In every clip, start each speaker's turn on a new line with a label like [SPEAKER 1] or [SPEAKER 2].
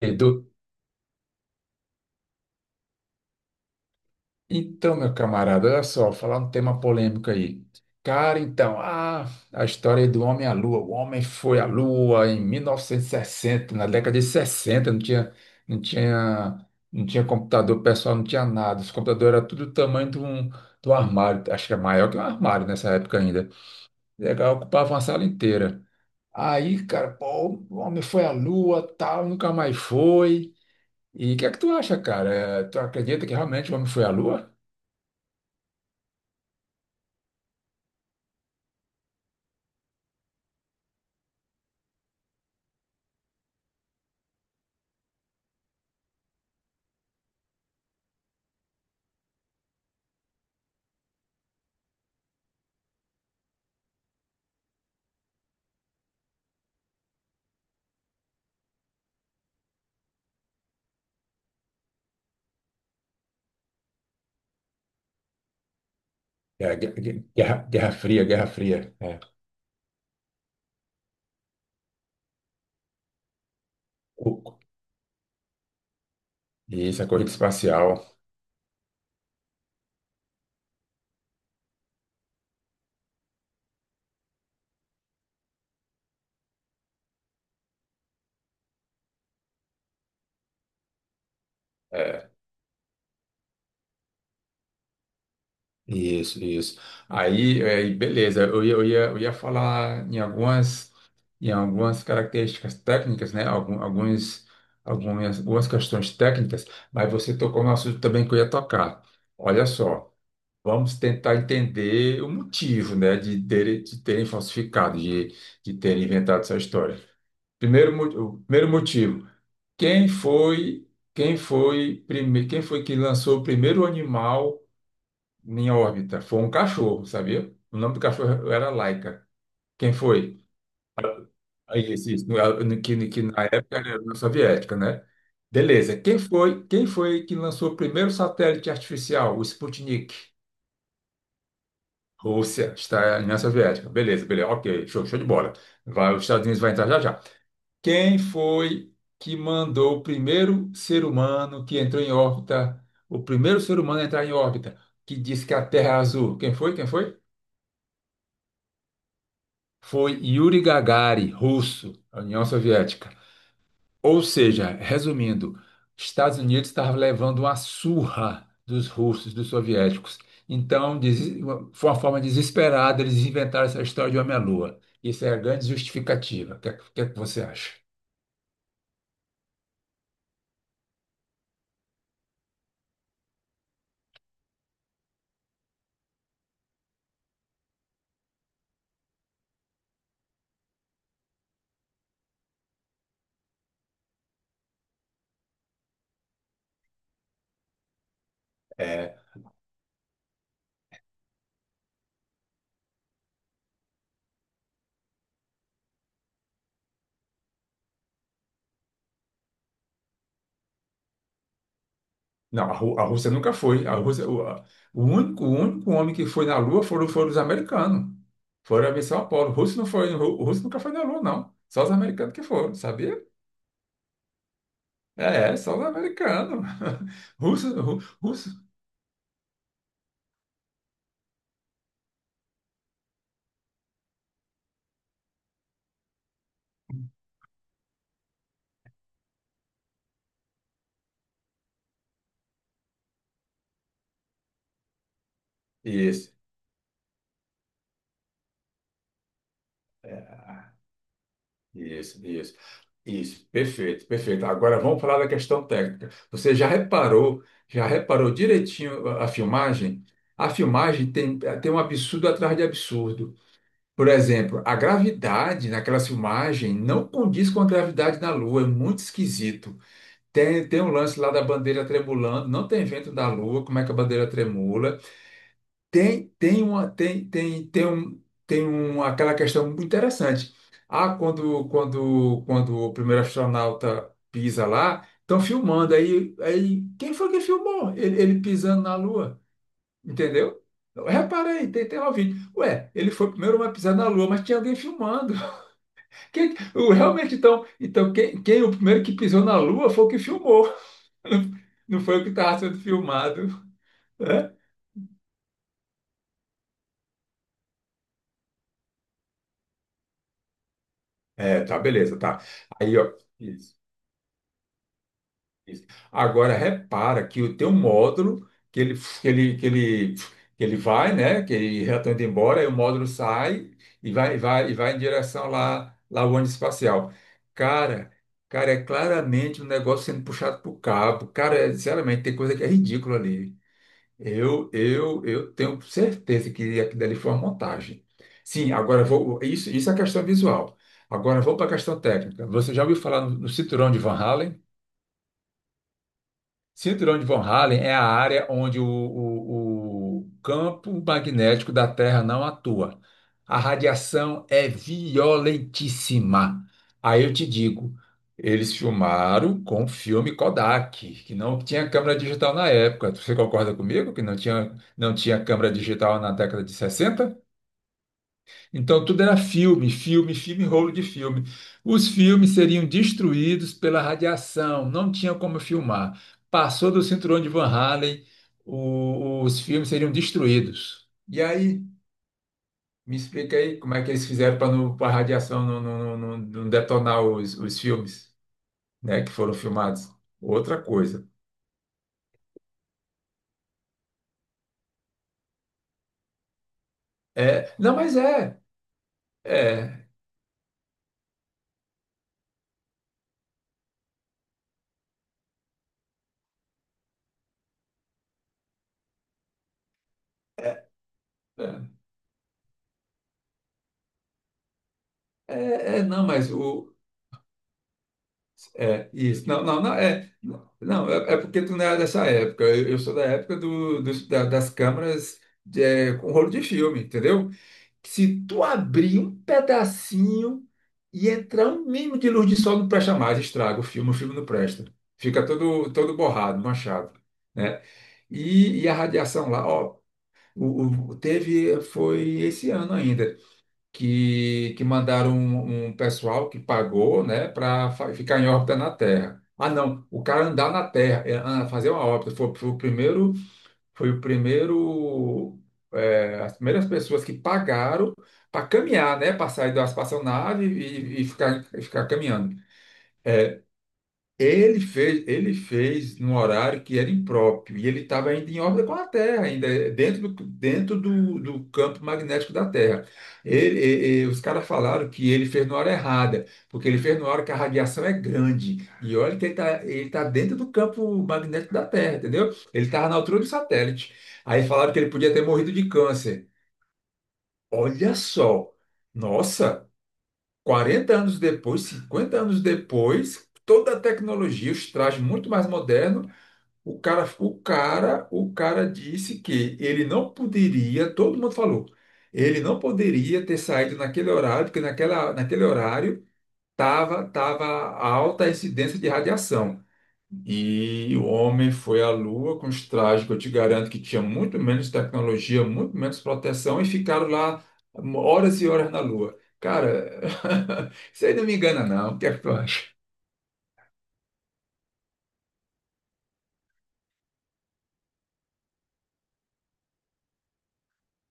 [SPEAKER 1] Edu. Então, meu camarada, olha só, falar um tema polêmico aí. Cara, então, a história aí do homem à lua. O homem foi à lua em 1960, na década de 60. Não tinha computador pessoal, não tinha nada. Os computadores eram tudo do tamanho de um armário, acho que é maior que um armário nessa época ainda. Legal, ocupava uma sala inteira. Aí, cara, pô, o homem foi à lua, tal, nunca mais foi. E o que é que tu acha, cara? Tu acredita que realmente o homem foi à lua? É, Guerra Fria, Guerra Fria. É. O- Isso, a corrida espacial. É. Isso, isso. Aí, e beleza, eu ia falar em algumas características técnicas, né? Algumas questões técnicas, mas você tocou no assunto também que eu ia tocar. Olha só. Vamos tentar entender o motivo, né, de terem falsificado, de terem inventado essa história. Primeiro, mo- o primeiro motivo, quem foi, quem foi que lançou o primeiro animal em órbita? Foi um cachorro, sabia? O nome do cachorro era Laika. Quem foi? Aí, esse, isso, no- no- que na época era a União Soviética, né? Beleza. Quem foi que lançou o primeiro satélite artificial, o Sputnik? Rússia está na União Soviética. Beleza, beleza. Ok, show de bola. Vai, os Estados Unidos vai entrar já já. Quem foi que mandou o primeiro ser humano que entrou em órbita? O primeiro ser humano a entrar em órbita, que disse que a Terra é azul. Quem foi? Quem foi? Foi Yuri Gagarin, russo, União Soviética. Ou seja, resumindo, Estados Unidos estava levando uma surra dos russos, dos soviéticos. Então, foi uma forma desesperada, eles inventaram essa história de homem-lua. À Isso é a grande justificativa. O que é que você acha? É, não, a Rússia nunca foi. A Rússia, o, a- O único homem que foi na Lua foram os americanos. Foram a missão Apollo. O russo não foi, o russo nunca foi na Lua, não. Só os americanos que foram, sabia? É, só os americanos. Russo. Isso. É, Isso, isso, isso, perfeito, perfeito. Agora vamos falar da questão técnica. Você já reparou direitinho a filmagem? A filmagem tem, tem um absurdo atrás de absurdo. Por exemplo, a gravidade naquela filmagem não condiz com a gravidade da Lua, é muito esquisito. Tem um lance lá da bandeira tremulando, não tem vento da Lua, como é que a bandeira tremula? Tem tem uma tem tem tem um, aquela questão muito interessante. Quando o primeiro astronauta pisa lá, estão filmando aí quem foi que filmou ele pisando na Lua, entendeu? Repara aí, tem lá o vídeo. Ué, ele foi o primeiro homem a pisar na Lua, mas tinha alguém filmando. Realmente, então, quem o primeiro que pisou na Lua foi o que filmou. Não foi o que estava sendo filmado. Né? É, tá, beleza, tá. Aí, ó. Isso. Isso. Agora repara que o teu módulo que ele que ele que ele vai, né, que ele já está indo embora, aí o módulo sai e vai em direção lá o ônibus espacial. Cara, cara, é claramente um negócio sendo puxado por cabo. Cara, sinceramente, tem coisa que é ridícula ali. Eu tenho certeza que aquilo dali foi uma montagem. Sim, agora vou isso é a questão visual. Agora vou para a questão técnica. Você já ouviu falar no cinturão de Van Halen? Cinturão de Von Hallen é a área onde o campo magnético da Terra não atua. A radiação é violentíssima. Aí eu te digo, eles filmaram com filme Kodak, que não tinha câmera digital na época. Você concorda comigo que não tinha câmera digital na década de 60? Então, tudo era filme, rolo de filme. Os filmes seriam destruídos pela radiação, não tinha como filmar. Passou do cinturão de Van Halen, os filmes seriam destruídos. E aí, me explica aí como é que eles fizeram para a radiação não detonar os filmes, né, que foram filmados. Outra coisa. Não, mas é, é, não, mas isso. Não, não, não, não, é porque tu não é dessa época. Eu sou da época das câmeras com rolo de filme, entendeu? Se tu abrir um pedacinho e entrar um mínimo de luz de sol, não presta mais, estraga o filme não presta. Fica todo, todo borrado, manchado, né? E a radiação lá, ó, foi esse ano ainda que mandaram um pessoal que pagou, né, para ficar em órbita na Terra. Ah, não, o cara andar na Terra, fazer uma órbita, foi as primeiras pessoas que pagaram para caminhar, né, para sair da espaçonave e ficar caminhando. Ele fez num horário que era impróprio e ele estava ainda em órbita com a Terra, ainda dentro do campo magnético da Terra. Os caras falaram que ele fez na hora errada, porque ele fez na hora que a radiação é grande. E olha que ele tá dentro do campo magnético da Terra, entendeu? Ele estava na altura do satélite. Aí falaram que ele podia ter morrido de câncer. Olha só, nossa. 40 anos depois, 50 anos depois, toda a tecnologia, os trajes muito mais modernos, o cara disse que ele não poderia, todo mundo falou, ele não poderia ter saído naquele horário, porque naquele horário tava alta a incidência de radiação. E o homem foi à Lua com os trajes que eu te garanto que tinha muito menos tecnologia, muito menos proteção, e ficaram lá horas e horas na Lua. Cara, isso aí não me engana, não. O que é que tu acha?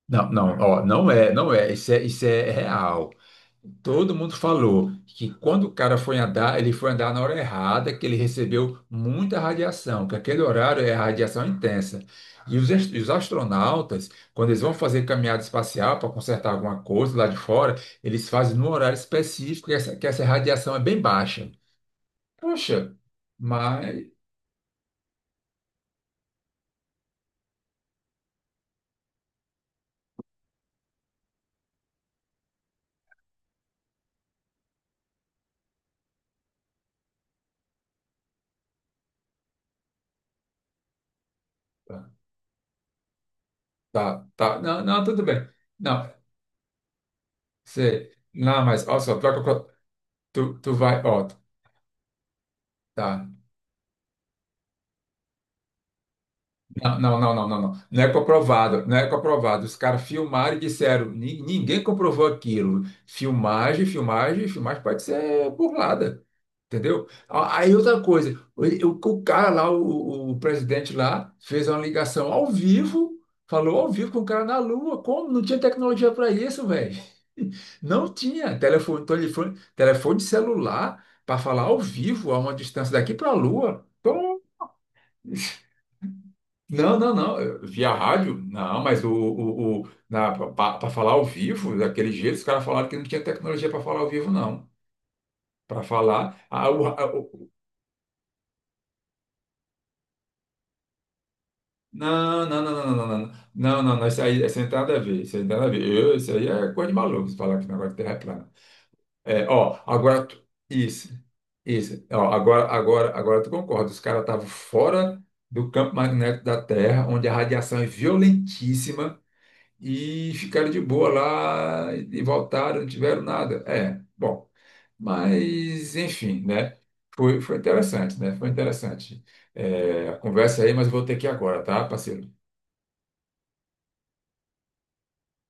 [SPEAKER 1] Não, não, ó, não é, isso é real. Todo mundo falou que quando o cara foi andar, ele foi andar na hora errada, que ele recebeu muita radiação, que aquele horário é radiação intensa. E os astronautas, quando eles vão fazer caminhada espacial para consertar alguma coisa lá de fora, eles fazem num horário específico que essa radiação é bem baixa. Poxa, mas. Tá, tá. Não, não, tudo bem. Não, você. Não, mas, olha só, troca. Tu vai. Ó, tá. Não, não, não, não, não. Não é comprovado, não é comprovado. Os caras filmaram e disseram, "Ninguém comprovou aquilo. Filmagem, filmagem, filmagem pode ser burlada, entendeu? Aí outra coisa, o cara lá, o presidente lá, fez uma ligação ao vivo, falou ao vivo com o cara na Lua. Como? Não tinha tecnologia para isso, velho. Não tinha telefone celular para falar ao vivo a uma distância daqui para a Lua. Não, não, não. Via rádio? Não, mas para falar ao vivo, daquele jeito, os caras falaram que não tinha tecnologia para falar ao vivo, não. Para falar. Não, não, não, não, não, não, não. Não, não, não, isso aí não tem nada a ver. Isso aí não tem nada a ver. Isso aí é coisa de maluco, se falar que o negócio de terra é plana. É, ó, agora. Isso, isso. Ó, agora tu concorda. Os caras estavam fora do campo magnético da Terra, onde a radiação é violentíssima. E ficaram de boa lá e voltaram, não tiveram nada. É, bom, mas enfim, né? Foi interessante, né? Foi interessante. É, a conversa aí, mas eu vou ter que ir agora, tá, parceiro?